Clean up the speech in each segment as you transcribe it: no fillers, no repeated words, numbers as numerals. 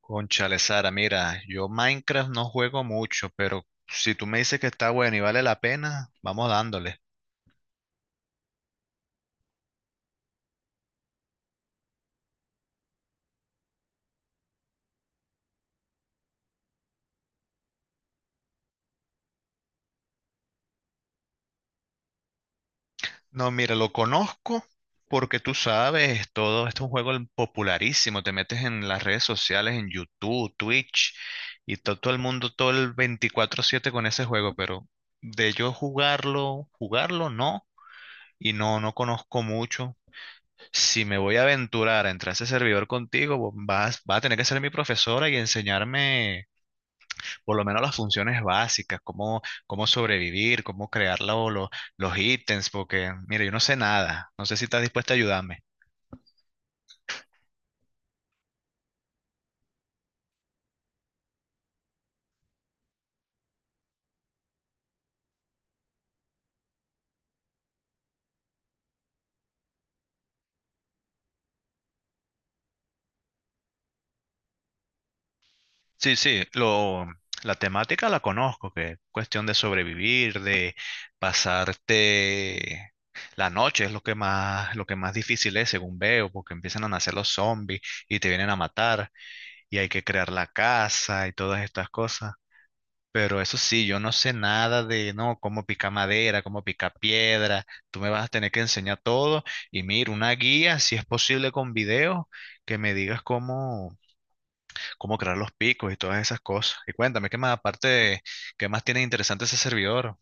Cónchale, Sara, mira, yo Minecraft no juego mucho, pero si tú me dices que está bueno y vale la pena, vamos dándole. No, mira, lo conozco porque tú sabes, todo esto es un juego popularísimo, te metes en las redes sociales, en YouTube, Twitch, y todo el mundo, todo el 24/7 con ese juego, pero de yo jugarlo, jugarlo no, y no, no conozco mucho. Si me voy a aventurar a entrar a ese servidor contigo, vos vas a tener que ser mi profesora y enseñarme por lo menos las funciones básicas, cómo, cómo sobrevivir, cómo crear los ítems, porque, mira, yo no sé nada, no sé si estás dispuesta a ayudarme. Sí, sí, lo, la temática la conozco, que es cuestión de sobrevivir, de pasarte la noche, es lo que más difícil es, según veo, porque empiezan a nacer los zombies y te vienen a matar, y hay que crear la casa y todas estas cosas. Pero eso sí, yo no sé nada de, no, cómo picar madera, cómo picar piedra. Tú me vas a tener que enseñar todo. Y mira, una guía, si es posible con video, que me digas cómo, cómo crear los picos y todas esas cosas. Y cuéntame, ¿qué más aparte, de- qué más tiene interesante ese servidor?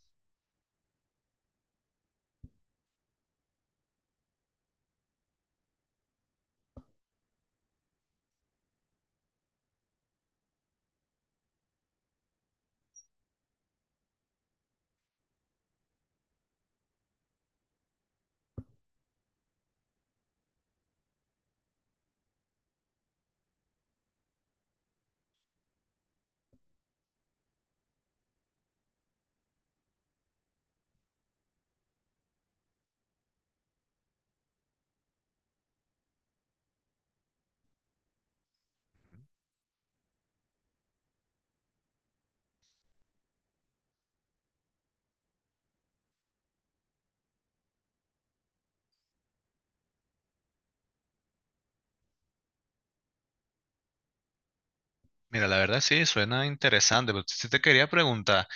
Mira, la verdad sí, suena interesante, pero sí te quería preguntar,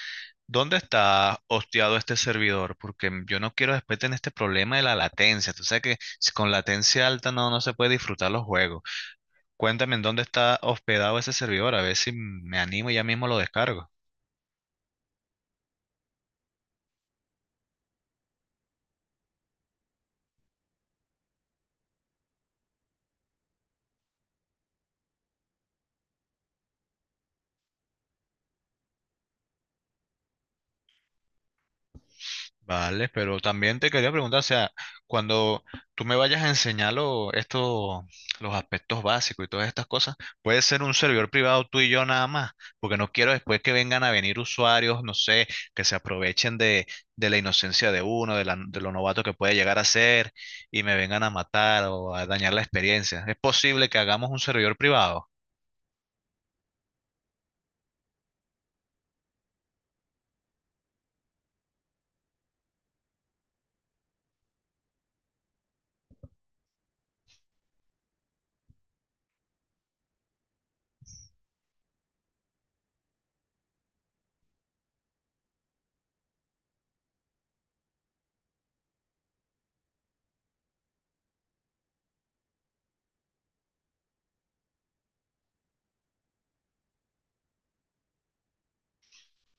¿dónde está hosteado este servidor? Porque yo no quiero después tener este problema de la latencia. Tú sabes que si con latencia alta no, no se puede disfrutar los juegos. Cuéntame en dónde está hospedado ese servidor, a ver si me animo y ya mismo lo descargo. Vale, pero también te quería preguntar, o sea, cuando tú me vayas a enseñar lo- esto, los aspectos básicos y todas estas cosas, puede ser un servidor privado tú y yo nada más, porque no quiero después que vengan a venir usuarios, no sé, que se aprovechen de la inocencia de uno, de, la, de lo novato que puede llegar a ser y me vengan a matar o a dañar la experiencia. ¿Es posible que hagamos un servidor privado?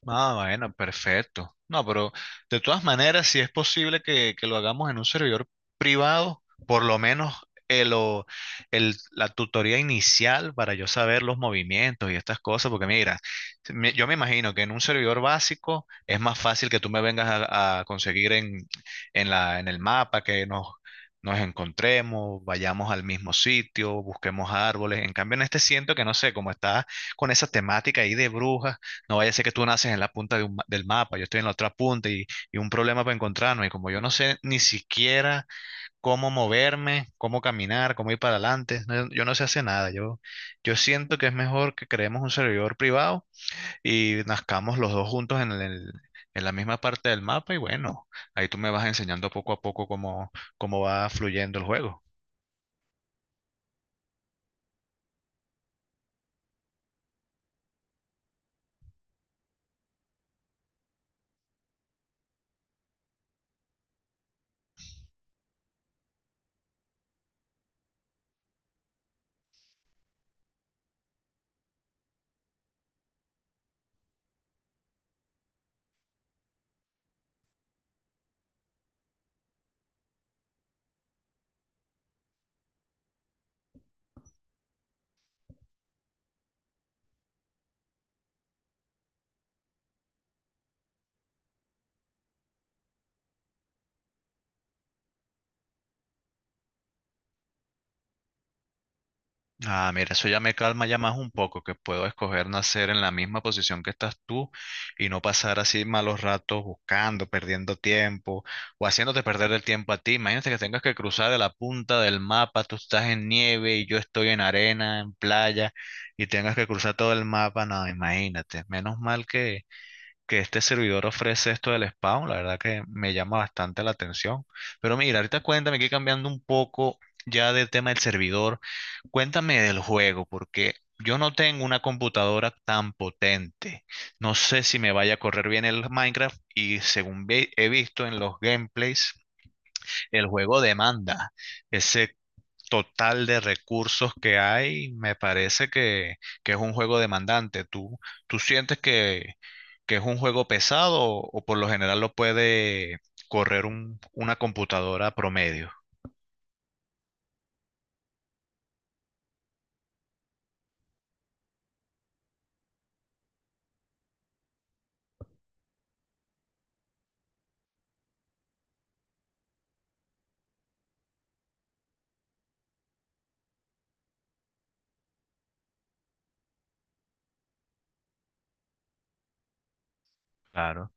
Ah, bueno, perfecto. No, pero de todas maneras, si es posible que lo hagamos en un servidor privado, por lo menos el, el- la tutoría inicial para yo saber los movimientos y estas cosas, porque mira, yo me imagino que en un servidor básico es más fácil que tú me vengas a conseguir en la, en el mapa, que nos, nos encontremos, vayamos al mismo sitio, busquemos árboles. En cambio, en este siento que no sé, como está con esa temática ahí de brujas. No vaya a ser que tú naces en la punta de un del mapa, yo estoy en la otra punta y un problema para encontrarnos. Y como yo no sé ni siquiera cómo moverme, cómo caminar, cómo ir para adelante, no- yo no sé hacer nada. Yo siento que es mejor que creemos un servidor privado y nazcamos los dos juntos en en la misma parte del mapa. Y bueno, ahí tú me vas enseñando poco a poco cómo, cómo va fluyendo el juego. Ah, mira, eso ya me calma ya más un poco, que puedo escoger nacer en la misma posición que estás tú y no pasar así malos ratos buscando, perdiendo tiempo o haciéndote perder el tiempo a ti. Imagínate que tengas que cruzar de la punta del mapa, tú estás en nieve y yo estoy en arena, en playa y tengas que cruzar todo el mapa. No, imagínate. Menos mal que este servidor ofrece esto del spawn, la verdad que me llama bastante la atención. Pero mira, ahorita cuéntame que cambiando un poco ya del tema del servidor, cuéntame del juego, porque yo no tengo una computadora tan potente. No sé si me vaya a correr bien el Minecraft y según he visto en los gameplays, el juego demanda ese total de recursos que hay, me parece que es un juego demandante. ¿Tú, tú sientes que es un juego pesado o por lo general lo puede correr una computadora promedio? Claro,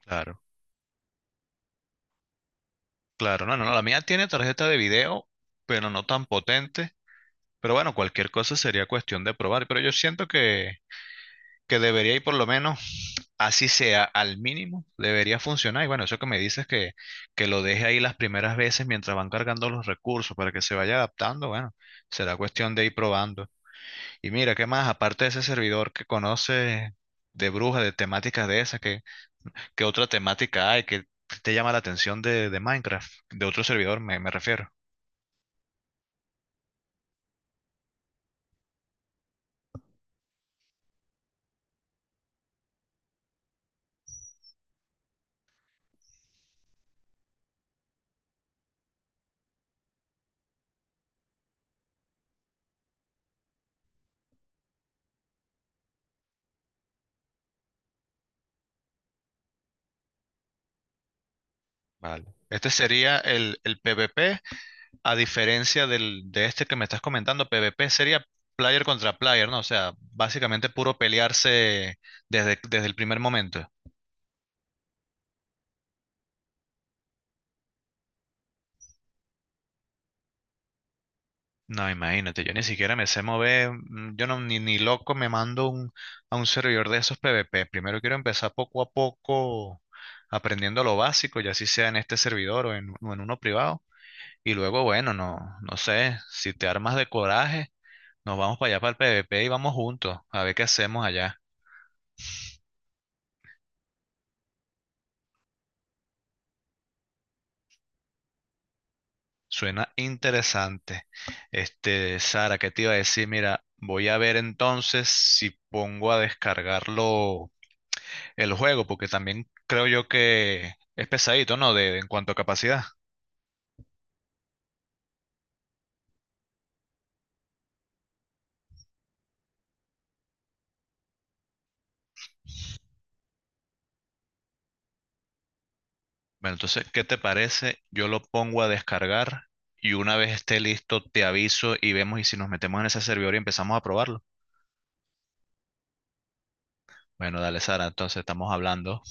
claro, claro. No, no, no, la mía tiene tarjeta de video, pero no tan potente. Pero bueno, cualquier cosa sería cuestión de probar. Pero yo siento que debería ir por lo menos así sea al mínimo, debería funcionar. Y bueno, eso que me dices que lo deje ahí las primeras veces mientras van cargando los recursos para que se vaya adaptando, bueno, será cuestión de ir probando. Y mira, ¿qué más? Aparte de ese servidor que conoce de bruja, de temáticas de esas, ¿qué, qué otra temática hay que te llama la atención de Minecraft? De otro servidor me, me refiero. Vale. Este sería el PvP. A diferencia del, de este que me estás comentando, PvP sería player contra player, ¿no? O sea, básicamente puro pelearse desde, desde el primer momento. No, imagínate, yo ni siquiera me sé mover, mm, yo no, ni, ni loco me mando a un servidor de esos PvP. Primero quiero empezar poco a poco aprendiendo lo básico, ya si sea en este servidor o en uno privado. Y luego, bueno, no, no sé, si te armas de coraje, nos vamos para allá para el PvP y vamos juntos a ver qué hacemos allá. Suena interesante. Este, Sara, ¿qué te iba a decir? Mira, voy a ver entonces si pongo a descargarlo el juego, porque también creo yo que es pesadito, ¿no? De, en cuanto a capacidad. Bueno, entonces, ¿qué te parece? Yo lo pongo a descargar y una vez esté listo, te aviso y vemos y si nos metemos en ese servidor y empezamos a probarlo. Bueno, dale, Sara, entonces estamos hablando.